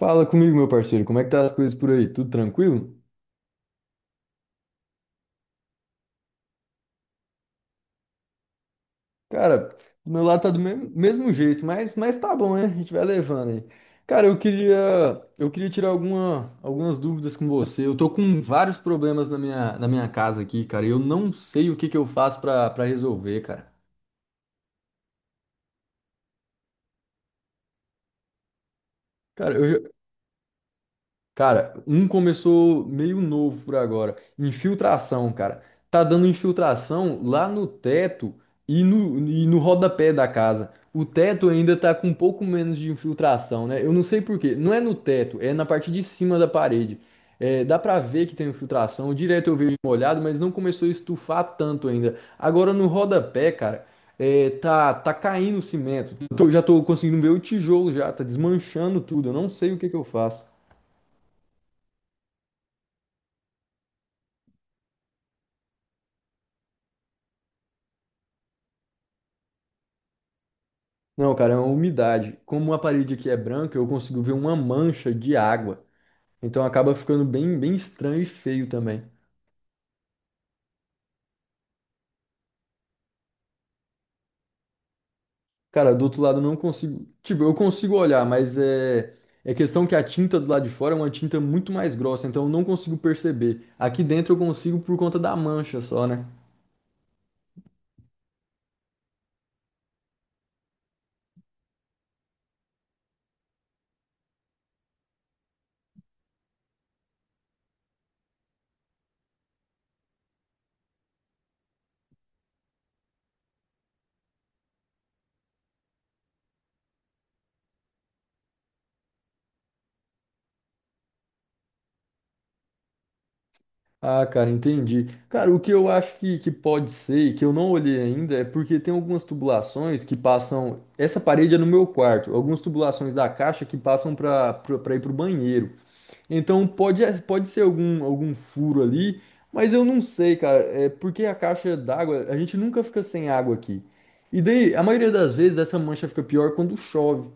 Fala comigo, meu parceiro, como é que tá as coisas por aí? Tudo tranquilo? Cara, do meu lado tá do mesmo, mesmo jeito, mas tá bom, né? A gente vai levando aí. Cara, eu queria, eu queria tirar algumas dúvidas com você. Eu tô com vários problemas na minha casa aqui, cara, e eu não sei o que que eu faço pra resolver, cara. Cara, eu já, Cara, um começou meio novo por agora. Infiltração, cara. Tá dando infiltração lá no teto e no rodapé da casa. O teto ainda tá com um pouco menos de infiltração, né? Eu não sei por quê. Não é no teto, é na parte de cima da parede. É, dá pra ver que tem infiltração. Direto eu vejo molhado, mas não começou a estufar tanto ainda. Agora no rodapé, cara, é, tá caindo o cimento. Já tô conseguindo ver o tijolo já, tá desmanchando tudo. Eu não sei o que que eu faço. Não, cara, é uma umidade. Como a parede aqui é branca, eu consigo ver uma mancha de água. Então acaba ficando bem estranho e feio também. Cara, do outro lado eu não consigo. Tipo, eu consigo olhar, mas é. É questão que a tinta do lado de fora é uma tinta muito mais grossa, então eu não consigo perceber. Aqui dentro eu consigo por conta da mancha só, né? Ah, cara, entendi. Cara, o que eu acho que pode ser, e que eu não olhei ainda, é porque tem algumas tubulações que passam. Essa parede é no meu quarto, algumas tubulações da caixa que passam para ir pro banheiro. Então pode ser algum furo ali, mas eu não sei, cara. É porque a caixa d'água, a gente nunca fica sem água aqui. E daí, a maioria das vezes, essa mancha fica pior quando chove.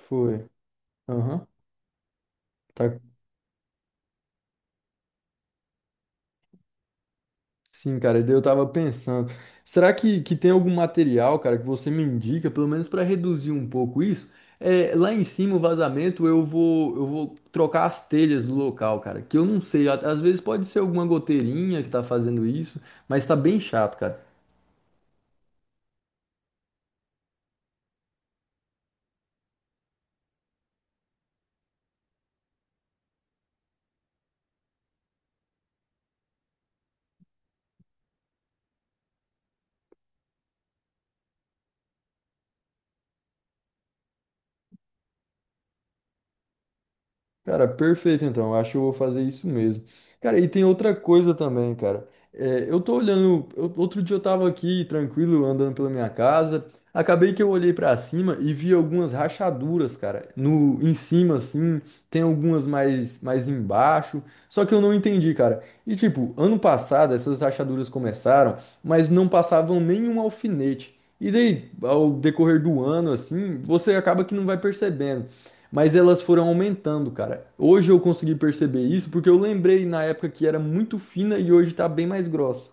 Foi. Aham. Tá. Sim, cara, e daí eu tava pensando, será que tem algum material, cara, que você me indica, pelo menos para reduzir um pouco isso? É, lá em cima, o vazamento, eu vou trocar as telhas do local, cara, que eu não sei, às vezes pode ser alguma goteirinha que tá fazendo isso, mas tá bem chato, cara. Cara, perfeito então. Eu acho que eu vou fazer isso mesmo. Cara, e tem outra coisa também, cara. É, eu tô olhando. Outro dia eu tava aqui tranquilo, andando pela minha casa. Acabei que eu olhei pra cima e vi algumas rachaduras, cara. No, em cima, assim, tem algumas mais embaixo. Só que eu não entendi, cara. E tipo, ano passado essas rachaduras começaram, mas não passavam nenhum alfinete. E daí, ao decorrer do ano, assim, você acaba que não vai percebendo. Mas elas foram aumentando, cara. Hoje eu consegui perceber isso porque eu lembrei na época que era muito fina e hoje tá bem mais grossa.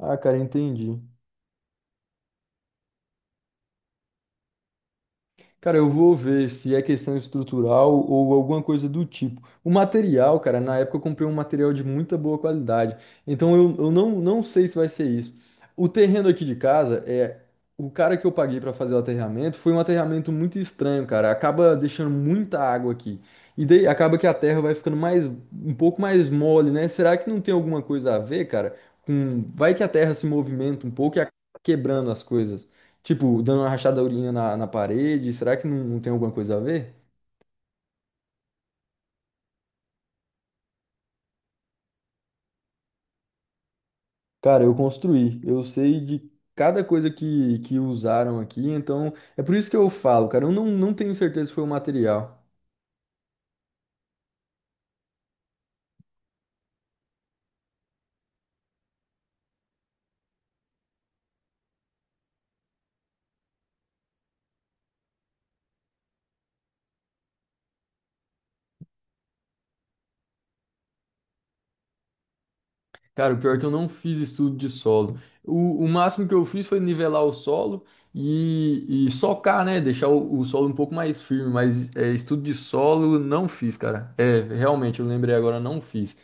Ah, cara, entendi. Cara, eu vou ver se é questão estrutural ou alguma coisa do tipo. O material, cara, na época eu comprei um material de muita boa qualidade. Então eu não sei se vai ser isso. O terreno aqui de casa é. O cara que eu paguei pra fazer o aterramento foi um aterramento muito estranho, cara. Acaba deixando muita água aqui. E daí acaba que a terra vai ficando mais, um pouco mais mole, né? Será que não tem alguma coisa a ver, cara? Com... Vai que a terra se movimenta um pouco e acaba quebrando as coisas. Tipo, dando uma rachadourinha na parede, será que não tem alguma coisa a ver? Cara, eu construí, eu sei de cada coisa que usaram aqui, então é por isso que eu falo, cara, eu não tenho certeza se foi o material. Cara, o pior é que eu não fiz estudo de solo. O máximo que eu fiz foi nivelar o solo e socar, né? Deixar o solo um pouco mais firme, mas é, estudo de solo não fiz, cara. É, realmente, eu lembrei agora, não fiz.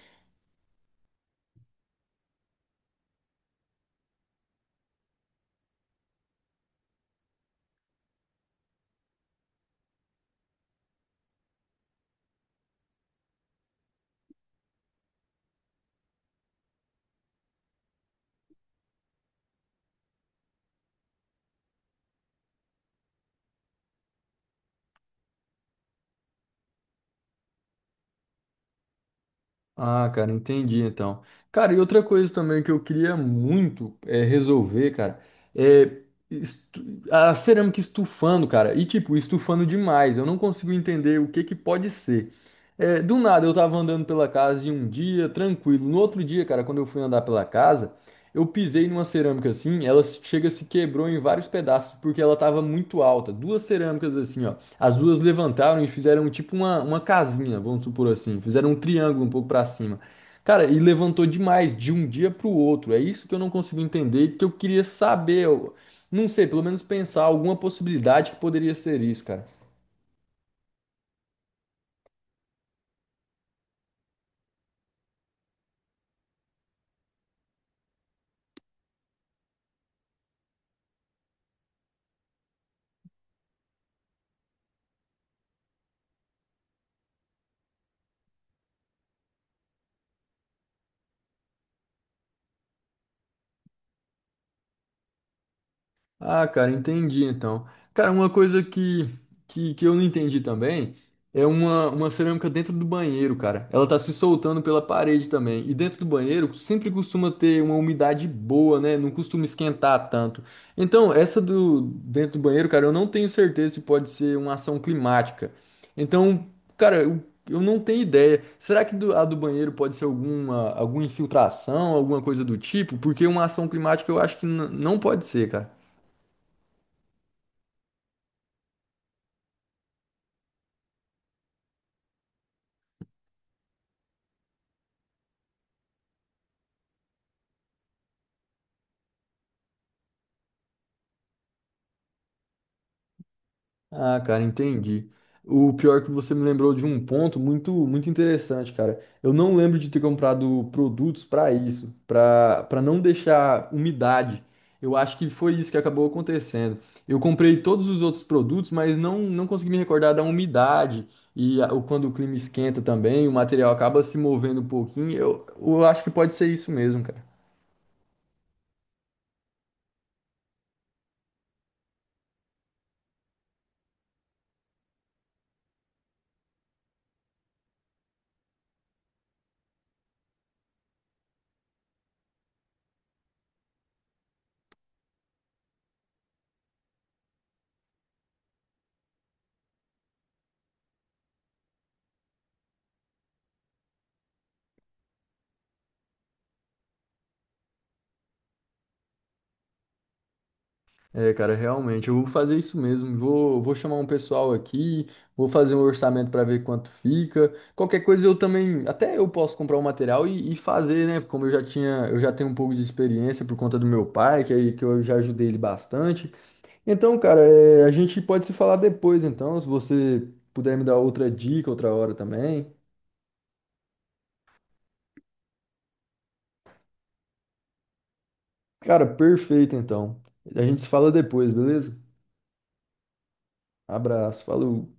Ah, cara, entendi então. Cara, e outra coisa também que eu queria muito é resolver, cara, é a cerâmica estufando, cara, e tipo, estufando demais. Eu não consigo entender o que que pode ser. É, do nada eu tava andando pela casa em um dia, tranquilo. No outro dia, cara, quando eu fui andar pela casa, eu pisei numa cerâmica assim, ela se- chega se quebrou em vários pedaços porque ela tava muito alta. Duas cerâmicas assim, ó. As duas levantaram e fizeram tipo uma casinha, vamos supor assim. Fizeram um triângulo um pouco pra cima. Cara, e levantou demais de um dia pro outro. É isso que eu não consigo entender, e que eu queria saber. Eu não sei, pelo menos pensar alguma possibilidade que poderia ser isso, cara. Ah, cara, entendi então. Cara, uma coisa que eu não entendi também é uma cerâmica dentro do banheiro, cara. Ela tá se soltando pela parede também. E dentro do banheiro sempre costuma ter uma umidade boa, né? Não costuma esquentar tanto. Então, essa do dentro do banheiro, cara, eu não tenho certeza se pode ser uma ação climática. Então, cara, eu não tenho ideia. Será que a do banheiro pode ser alguma, alguma infiltração, alguma coisa do tipo? Porque uma ação climática eu acho que não pode ser, cara. Ah, cara, entendi. O pior é que você me lembrou de um ponto muito muito interessante, cara. Eu não lembro de ter comprado produtos para isso, para não deixar umidade. Eu acho que foi isso que acabou acontecendo. Eu comprei todos os outros produtos, mas não consegui me recordar da umidade e quando o clima esquenta também, o material acaba se movendo um pouquinho. Eu acho que pode ser isso mesmo, cara. É, cara, realmente, eu vou fazer isso mesmo. Vou chamar um pessoal aqui, vou fazer um orçamento para ver quanto fica. Qualquer coisa eu também, até eu posso comprar o material e fazer, né? Como eu já tinha, eu já tenho um pouco de experiência por conta do meu pai, que eu já ajudei ele bastante. Então, cara, é, a gente pode se falar depois, então, se você puder me dar outra dica outra hora também. Cara, perfeito, então. A gente se fala depois, beleza? Abraço, falou.